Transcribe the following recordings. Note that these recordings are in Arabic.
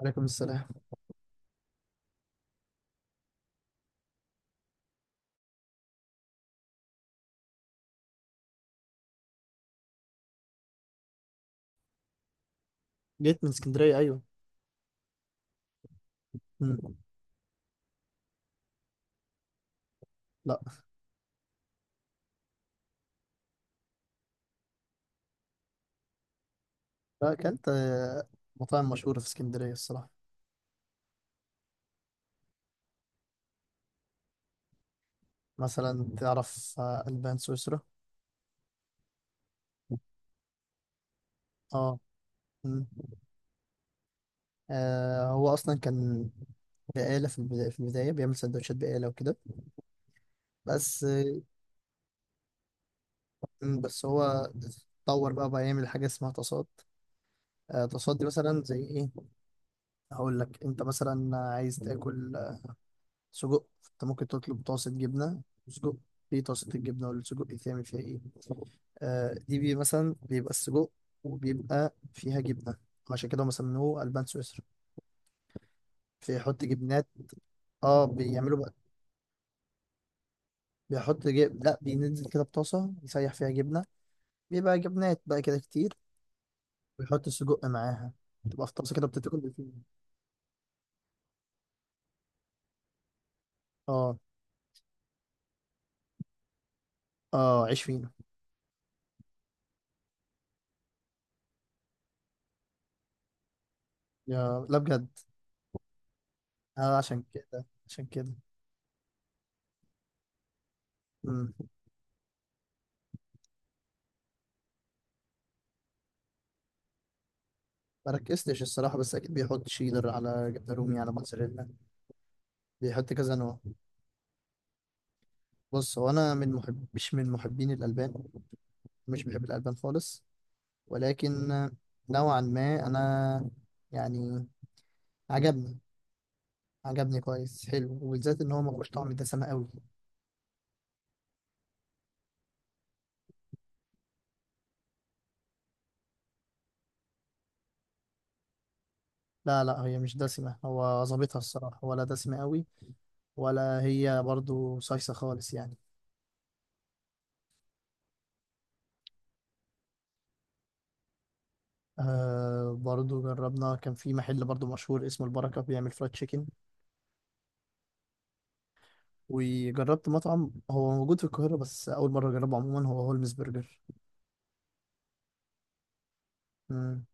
عليكم السلام. جيت من اسكندرية، أيوة. مم. لا. لا، أكلت مطاعم مشهورة في اسكندرية الصراحة. مثلا تعرف ألبان سويسرا. اه. مم. هو أصلا كان بقالة في البداية بيعمل سندوتشات بقالة وكده. بس آه، مم، بس هو اتطور بقى يعمل حاجة اسمها تصاد. تصاد دي مثلا زي إيه؟ هقول لك. أنت مثلا عايز تاكل سجق. أنت ممكن تطلب طاسة جبنة وسجق. في طاسة الجبنة والسجق يتعمل فيها إيه؟ دي بي مثلا بيبقى السجق وبيبقى فيها جبنة. عشان كده هم سموه ألبان سويسرا. بيحط جبنات. اه، بيعملوا بقى. لا، بينزل كده بطاسة يسيح فيها جبنة. بيبقى جبنات بقى كده كتير، ويحط السجق معاها. تبقى في طاسة كده بتتاكل بالفينو. اه. اه، عيش فينو. يا لا، بجد؟ عشان كده. مم. ما ركزتش الصراحة، بس أكيد بيحط شيدر على جبنة رومي على موتزاريلا. بيحط كذا نوع. بص، هو أنا من محب مش من محبين الألبان. مش بحب الألبان خالص. ولكن نوعا ما أنا يعني عجبني. عجبني كويس، حلو، وبالذات إن هو ما فيهوش طعم دسمة قوي. لا لا، هي مش دسمة، هو ظابطها الصراحة، ولا دسمة قوي ولا هي برضو صيصة خالص يعني. برضو جربنا. كان في محل برضو مشهور اسمه البركة بيعمل فرايد تشيكن. وجربت مطعم هو موجود في القاهرة بس أول مرة أجربه، عموما هو هولمز برجر. مم.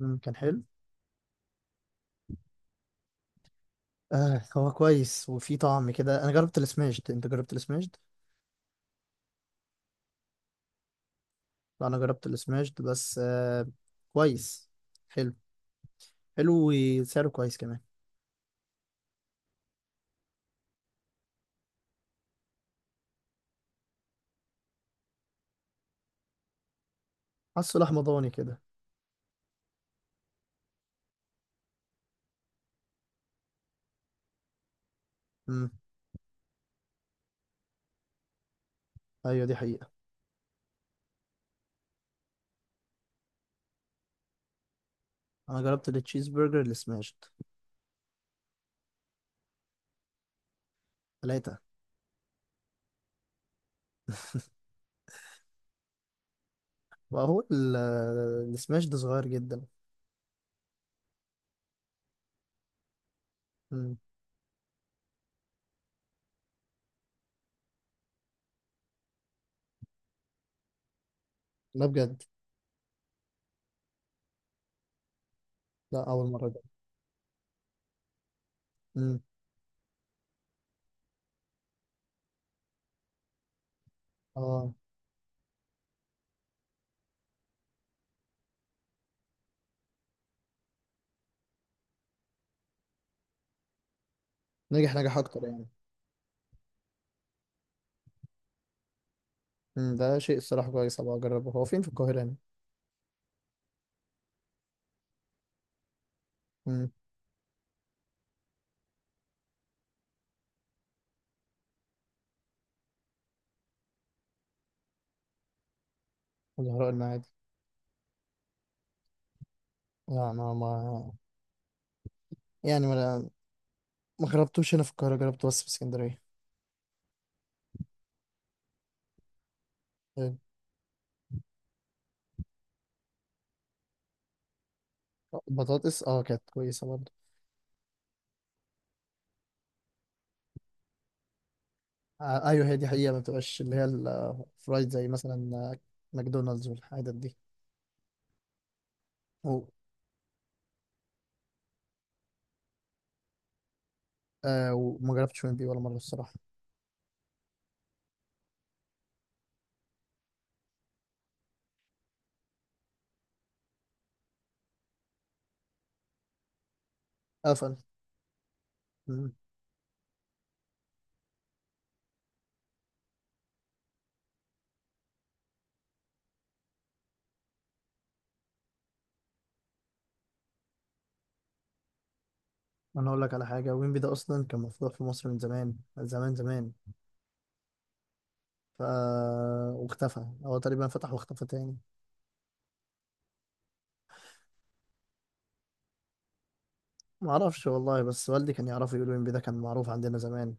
كان حلو. هو كويس وفي طعم كده. انا جربت السماشد، انت جربت السماشد؟ لا، انا جربت السماشد بس كويس. حلو. حلو. وسعره كويس كمان. حاسه لحمة ضاني كده. امم. ايوه، دي حقيقة. انا جربت التشيز برجر السماشد. ثلاثة. واهو السماشد صغير جدا. امم. لا، بجد؟ لا، اول مرة ده. امم. اه. نجح اكتر يعني. امم. ده شيء الصراحة كويس، ابقى اجربه، هو فين في القاهرة يعني؟ امم. زهراء المعادي. لا، ما يعني ما جربتوش هنا في القاهرة، جربته بس في اسكندرية. إيه؟ بطاطس كانت كويسة برضه. ايوه، هي دي حقيقة، ما بتبقاش اللي هي الفرايد زي مثلا ماكدونالدز والحاجات دي. و... وما جربتش ويمبي ولا مرة الصراحة. قفل. مم. انا اقول لك على حاجة، ويمبي ده اصلا كان مفتوح في مصر من زمان زمان زمان، ف واختفى. هو تقريبا فتح واختفى تاني. ما اعرفش والله، بس والدي كان يعرفه، يقول ويمبي ده كان معروف عندنا زمان.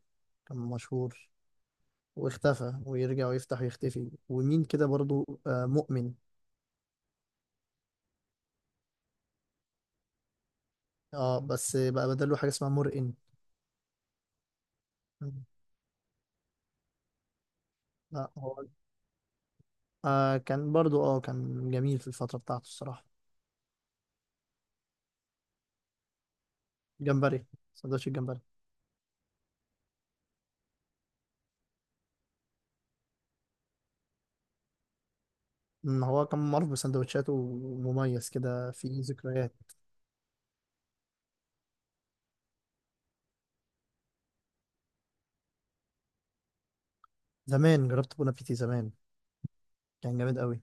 كان مشهور واختفى، ويرجع ويفتح ويختفي. ومين كده برضو مؤمن. اه، بس بقى بدله حاجة اسمها مرئن. مم. لا، هو كان برضو كان جميل في الفترة بتاعته الصراحة. جمبري. سندوتش الجمبري. هو كان معروف بسندوتشاته ومميز كده في ذكريات. زمان جربت بون ابيتي زمان. كان جامد قوي.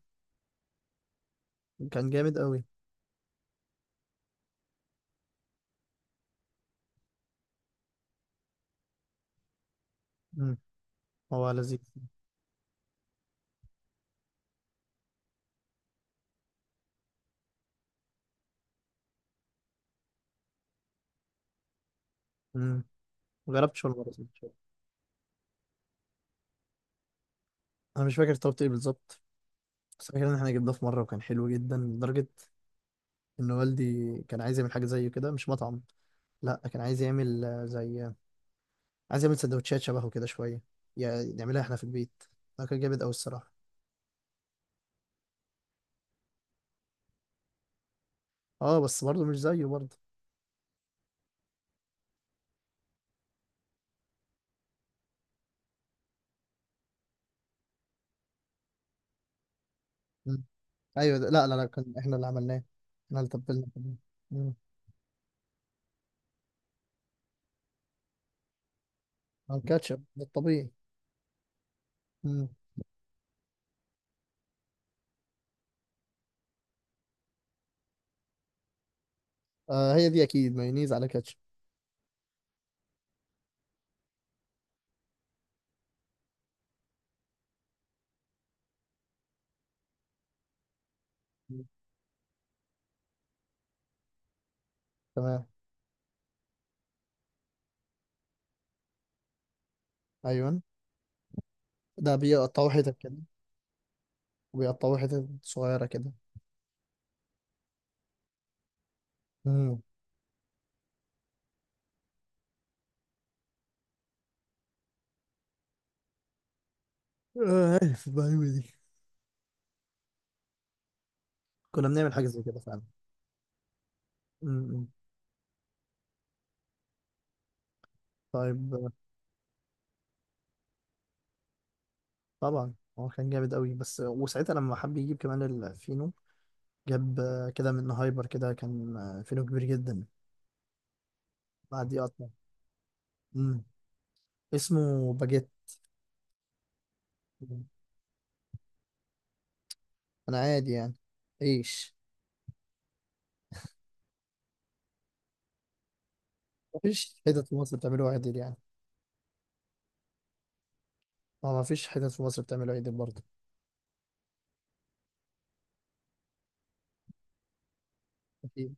كان جامد قوي. مم، هو لذيذ. مم، جربت شاورما بس. مش فاكر. انا مش فاكر طلبت ايه بالظبط، بس فاكر ان احنا جبناه في مرة وكان حلو جدا لدرجة ان والدي كان عايز يعمل حاجه زيه كده، مش مطعم. لا، كان عايز يعمل زي، عايز يعمل سندوتشات شبهه كده شويه، يعني نعملها احنا في البيت. ده كان جامد قوي الصراحه. اه، بس برضه مش زيه برضه. مم. ايوه، لا لا لا، كان احنا اللي عملناه. احنا اللي تبلنا كمان. مم. عن كاتشب، ده الطبيعي. مم. هي دي اكيد مايونيز على كاتشب. مم. تمام. ايوه، ده بيقطعوه حتت كده، وبيقطعوه حتت صغيره كده. مم. عارف المعلومة دي. كنا بنعمل حاجه زي كده فعلا. مم. طيب. طبعا. هو كان جامد قوي، بس وساعتها لما حب يجيب كمان الفينو جاب كده من هايبر كده. كان فينو كبير جدا، بعد يقطع. مم. اسمه باجيت. انا عادي يعني. عيش. مفيش حتت في مصر بتعمله عدل يعني. ما مفيش حتت في مصر بتعمله عدل برضه. اكيد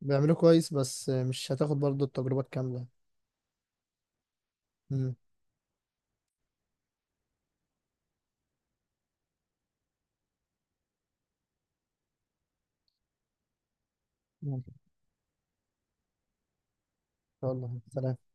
بيعملوه كويس بس مش هتاخد برضه التجربة الكاملة. مم. ممكن. ان شاء الله. سلام.